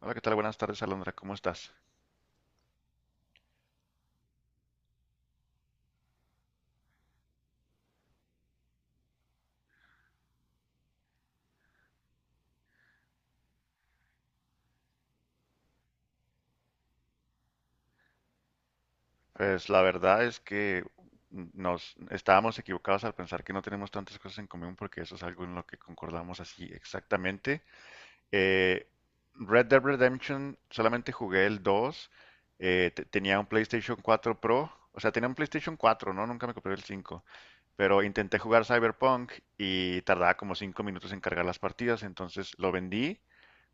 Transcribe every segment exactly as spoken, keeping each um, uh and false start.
Hola, ¿qué tal? Buenas tardes, Alondra. ¿Cómo estás? Pues la verdad es que nos estábamos equivocados al pensar que no tenemos tantas cosas en común porque eso es algo en lo que concordamos así exactamente. Eh, Red Dead Redemption solamente jugué el dos. Eh, te- tenía un PlayStation cuatro Pro. O sea, tenía un PlayStation cuatro, ¿no? Nunca me compré el cinco. Pero intenté jugar Cyberpunk y tardaba como cinco minutos en cargar las partidas. Entonces lo vendí,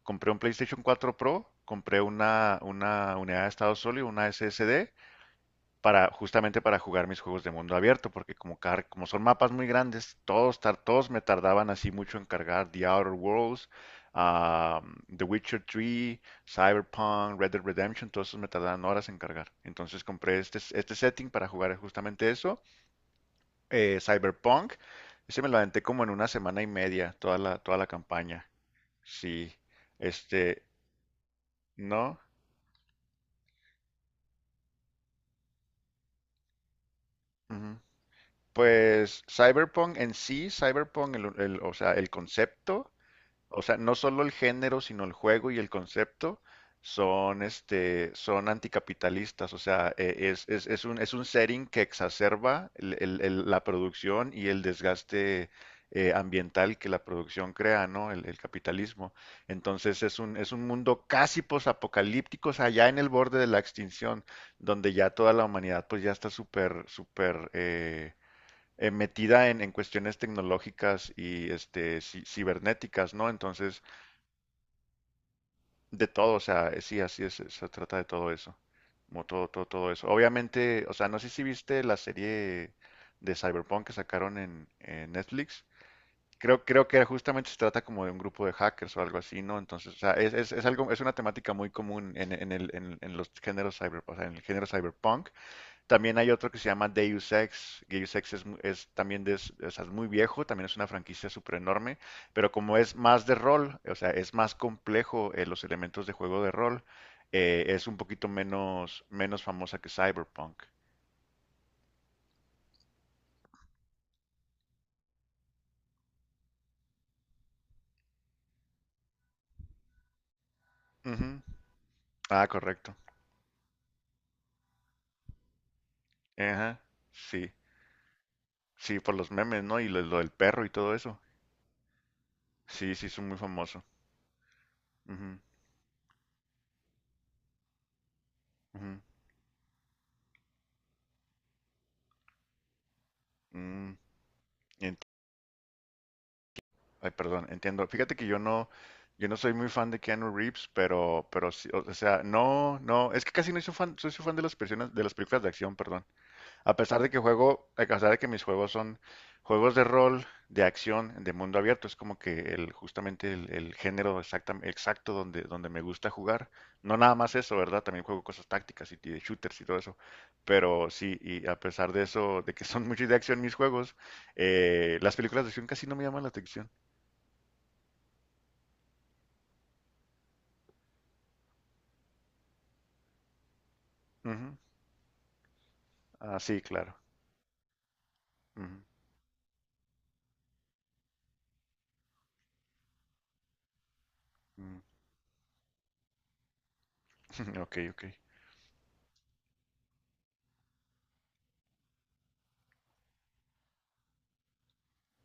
compré un PlayStation cuatro Pro, compré una, una unidad de estado sólido, una S S D, para, justamente para jugar mis juegos de mundo abierto, porque como, car- como son mapas muy grandes, todos, tar- todos me tardaban así mucho en cargar The Outer Worlds, ah, The Witcher tres, Cyberpunk, Red Dead Redemption, todos esos me tardaban horas en cargar. Entonces compré este, este setting para jugar justamente eso, eh, Cyberpunk. Ese me lo aventé como en una semana y media, toda la, toda la campaña. Sí, este, no. Ujú. Pues Cyberpunk en sí, Cyberpunk, el, el- o sea, el concepto. O sea, no solo el género, sino el juego y el concepto son, este, son anticapitalistas. O sea, e- es, es- es un, es un setting que exacerba el- el- el- la producción y el desgaste eh, ambiental que la producción crea, ¿no? El, el capitalismo. Entonces es un, es un mundo casi posapocalíptico, o sea, ya en el borde de la extinción, donde ya toda la humanidad pues ya está súper, súper, eh, eh, metida en, en cuestiones tecnológicas y este, ci- cibernéticas, ¿no? Entonces, de todo, o sea, eh, sí, así es, se trata de todo eso, como todo, todo, todo eso. Obviamente, o sea, no sé si viste la serie de Cyberpunk que sacaron en, en Netflix. Creo, creo que justamente se trata como de un grupo de hackers o algo así, ¿no? Entonces, o sea, es, es, es algo, es una temática muy común en, en el, en, en los géneros cyber, o sea, en el género cyberpunk. También hay otro que se llama Deus Ex. Deus Ex es, es también de, es es muy viejo, también es una franquicia súper enorme, pero como es más de rol, o sea, es más complejo. Eh, los elementos de juego de rol, eh, es un poquito menos, menos famosa que Cyberpunk. Ujú. Ah, correcto. Ajá. Sí, sí, por los memes, ¿no? Y lo, lo del perro y todo eso. Sí, sí, es muy famoso. Ujú, ujú. Mm, Ay, perdón, entiendo. Fíjate que yo no, yo no soy muy fan de Keanu Reeves, pero, pero sí, o o sea, no, no, es que casi no soy fan, soy su fan de las personas, de las películas de acción, perdón. A pesar de que juego, a pesar de que mis juegos son juegos de rol, de acción, de mundo abierto, es como que el, justamente el, el género exacta- exacto donde, donde me gusta jugar. No nada más eso, ¿verdad? También juego cosas tácticas y, y de shooters y todo eso. Pero sí, y a pesar de eso, de que son muchos de acción mis juegos, eh, las películas de acción casi no me llaman la atención. Ujú. Ah, sí, claro. Ujú, ujú. Ok, ok.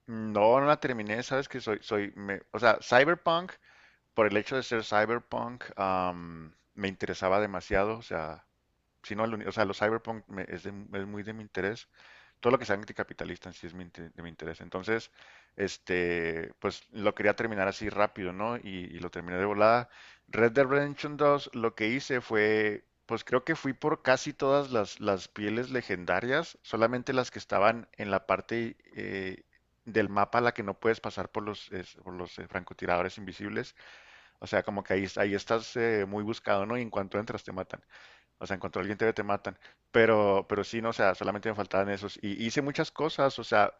Mm, no, no la terminé, sabes que soy, soy, me- o sea, Cyberpunk, por el hecho de ser Cyberpunk, am, me interesaba demasiado, o sea, si no, el uni- o sea, los Cyberpunk me- es, de- es muy de mi interés, todo lo que sea anticapitalista en sí es mi, inte- de mi interés. Entonces, este, pues lo quería terminar así rápido, ¿no? Y, y lo terminé de volada. Red Dead Redemption dos, lo que hice fue, pues creo que fui por casi todas las, las pieles legendarias, solamente las que estaban en la parte eh, del mapa a la que no puedes pasar por los, es- por los eh, francotiradores invisibles. O sea, como que ahí, ahí estás eh, muy buscado, ¿no? Y en cuanto entras te matan. O sea, en cuanto alguien te ve te matan. Pero, pero sí, no, o sea, solamente me faltaban esos. Y hice muchas cosas, o sea,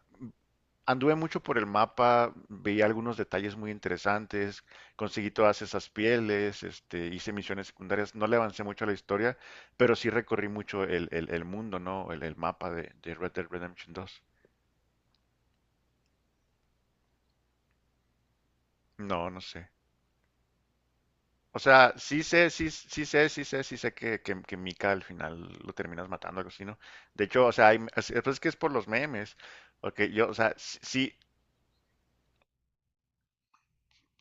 anduve mucho por el mapa, veía algunos detalles muy interesantes, conseguí todas esas pieles, este, hice misiones secundarias. No le avancé mucho a la historia, pero sí recorrí mucho el, el, el mundo, ¿no? El, el mapa de, de Red Dead Redemption dos. No, no sé. O sea, sí sé, sí, sí sé, sí sé, sí sé que, que, que Mika al final lo terminas matando, algo así, ¿no? De hecho, o sea, hay, es, pues es que es por los memes. Porque yo, o sea, sí,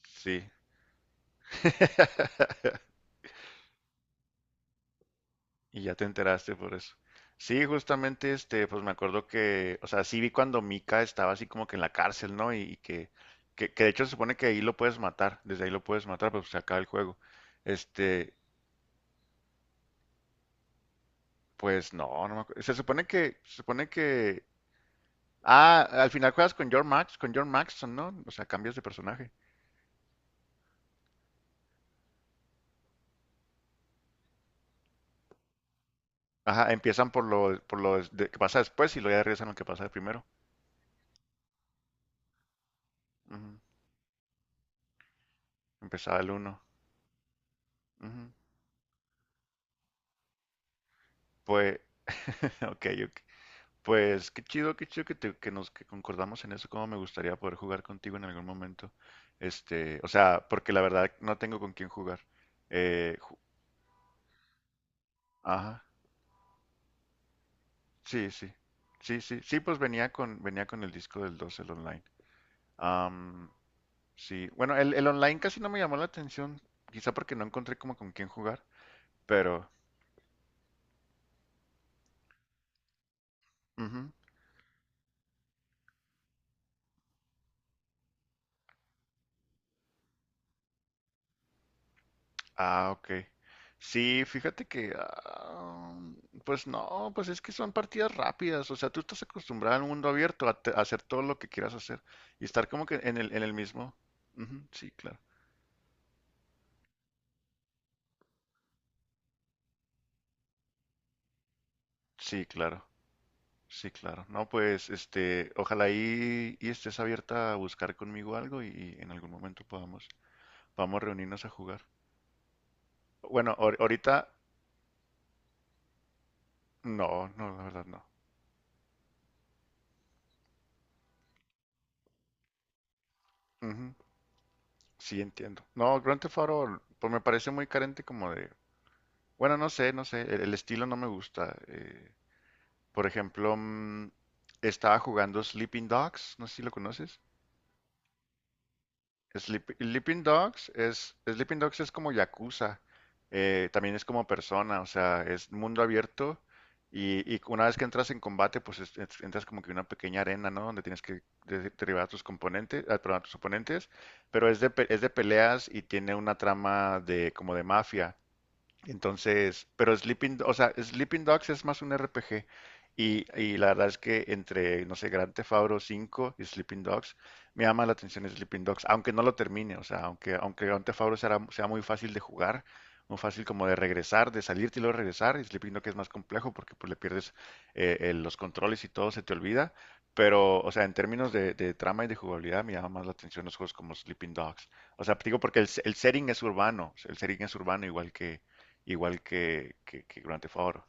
sí. Y ya te enteraste por eso. Sí, justamente, este, pues me acuerdo que, o sea, sí vi cuando Mika estaba así como que en la cárcel, ¿no? Y, y que, que, que de hecho se supone que ahí lo puedes matar, desde ahí lo puedes matar, pero pues se acaba el juego. Este, pues no, no me acuerdo. Se supone que, se supone que ah, al final juegas con John Max, con John Maxson, ¿no? O sea, cambias de personaje. Ajá, empiezan por lo, por lo des- de- que pasa después y luego ya regresan a lo que pasa primero. Ujú. Empezaba el uno. Pues, ok, ok. Pues qué chido, qué chido que, te- que nos que concordamos en eso. Cómo me gustaría poder jugar contigo en algún momento. Este, o sea, porque la verdad no tengo con quién jugar. Eh, ju- ajá, sí, sí. Sí, sí, sí, pues venía con, venía con el disco del dos, el online. Sí, bueno, el, el online casi no me llamó la atención, quizá porque no encontré como con quién jugar, pero ujú. Ah, ok. Sí, fíjate que ah, pues no, pues es que son partidas rápidas, o sea, tú estás acostumbrado al mundo abierto a, te- a hacer todo lo que quieras hacer y estar como que en el, en el mismo. Ujú, sí, claro. Sí, claro, sí, claro. No, pues, este, ojalá y, y estés abierta a buscar conmigo algo y, y en algún momento podamos, podamos reunirnos a jugar. Bueno, ahor- ahorita, No, no, la verdad no. Ujú, sí, entiendo. No, Grand Theft Auto, pues me parece muy carente como de. Bueno, no sé, no sé, el, el estilo no me gusta. Eh, por ejemplo, mm, estaba jugando Sleeping Dogs, no sé si lo conoces. Sleep- Sleeping Dogs es, Sleeping Dogs es como Yakuza, eh, también es como persona, o sea, es mundo abierto y, y una vez que entras en combate, pues es- es- entras como que en una pequeña arena, ¿no? Donde tienes que de- derribar a tus componentes, ah, perdón, a tus oponentes, pero es de, pe- es de peleas y tiene una trama de como de mafia. Entonces, pero Sleeping, o sea, Sleeping Dogs es más un R P G. Y, y la verdad es que entre, no sé, Grand Theft Auto cinco y Sleeping Dogs, me llama la atención Sleeping Dogs, aunque no lo termine, o sea, aunque, aunque Grand Theft Auto sea, sea muy fácil de jugar, muy fácil como de regresar, de salirte y luego regresar, y Sleeping Dogs es más complejo porque pues le pierdes eh, eh, los controles y todo se te olvida, pero, o sea, en términos de, de trama y de jugabilidad me llama más la atención los juegos como Sleeping Dogs. O sea, digo porque el, el setting es urbano, el setting es urbano igual que, igual que, que, que Grand Theft Auto.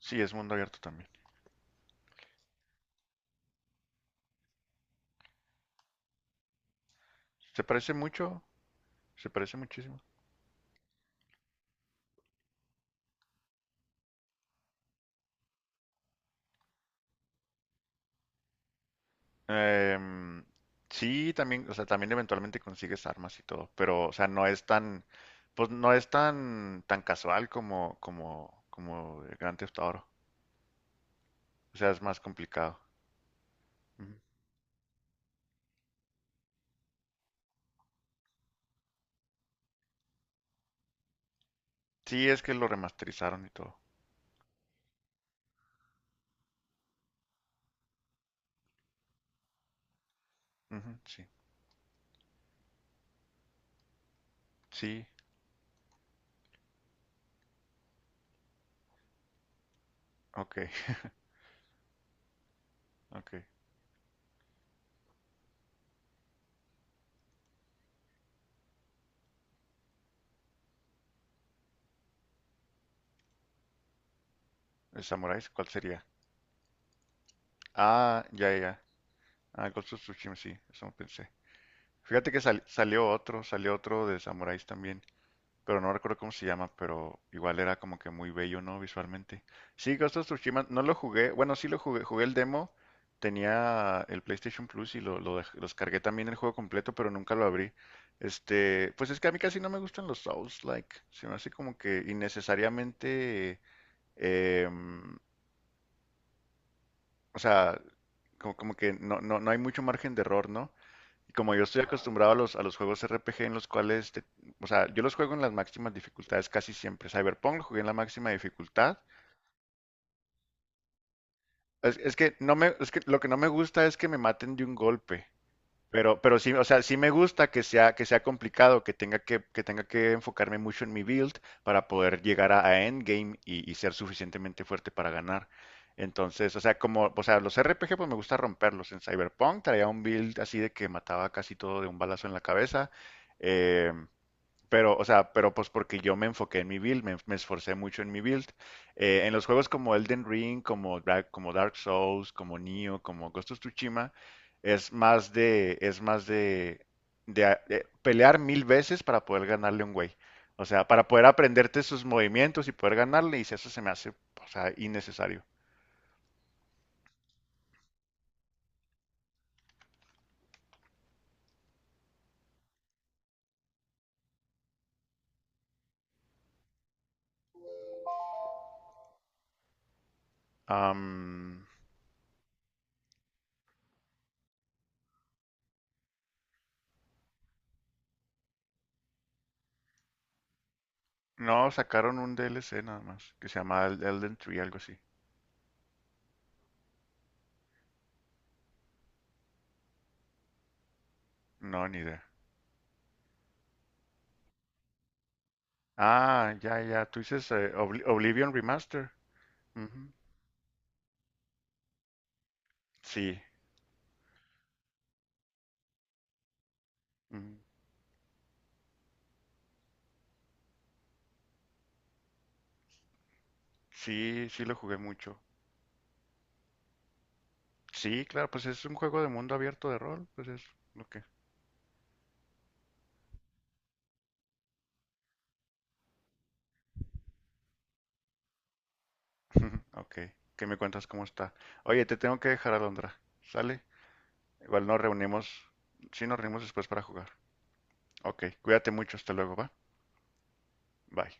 Sí, es mundo abierto también. Se parece mucho, se parece muchísimo. Em, sí, también, o sea, también eventualmente consigues armas y todo, pero, o sea, no es tan, pues no es tan, tan casual como, como, como el Grand Theft Auto. O sea, es más complicado. Ujú. Sí, es que lo remasterizaron y todo. Ujú, sí, sí, ok, ok. ¿El Samuráis? ¿Cuál sería? Ah, ya, ya. ya. Ah, Ghost of Tsushima, sí, eso pensé. Fíjate que sal- salió otro, salió otro de samuráis también, pero no recuerdo cómo se llama, pero igual era como que muy bello, ¿no? Visualmente. Sí, Ghost of Tsushima, no lo jugué, bueno, sí lo jugué, jugué el demo, tenía el PlayStation Plus y lo, lo dej- los cargué también el juego completo, pero nunca lo abrí. Este, pues es que a mí casi no me gustan los Souls-like, se me hace como que innecesariamente, em, o sea, como, como que no, no, no hay mucho margen de error, ¿no? Y como yo estoy acostumbrado a los, a los juegos R P G en los cuales, te- o sea, yo los juego en las máximas dificultades casi siempre. Cyberpunk lo jugué en la máxima dificultad. Es, es que no me, es que lo que no me gusta es que me maten de un golpe. Pero, pero sí, o sea, sí me gusta que sea, que sea complicado, que tenga que, que tenga que enfocarme mucho en mi build para poder llegar a, a endgame y, y ser suficientemente fuerte para ganar. Entonces, o sea, como, o sea, los R P G pues me gusta romperlos. En Cyberpunk traía un build así de que mataba casi todo de un balazo en la cabeza. eh, pero, o sea, pero pues porque yo me enfoqué en mi build, me, me esforcé mucho en mi build. Eh, en los juegos como Elden Ring, como, Dra- como Dark Souls, como Nioh, como Ghost of Tsushima, es más de, es más de, de a- de pelear mil veces para poder ganarle a un güey. O sea, para poder aprenderte sus movimientos y poder ganarle, y si eso se me hace, o sea, innecesario. Am, no, sacaron un D L C nada más, que se llama El- Elden Tree, algo así. No, ni idea. Ah, ya, ya. Tú dices eh, Obli- Oblivion Remaster. Ujú. Sí, ujú. Sí, sí lo jugué mucho. Sí, claro, pues es un juego de mundo abierto de rol, pues es lo que. Ok, que me cuentas cómo está. Oye, te tengo que dejar, Alondra. ¿Sale? Igual nos reunimos. Sí, nos reunimos después para jugar. Ok, cuídate mucho, hasta luego, ¿va? Bye.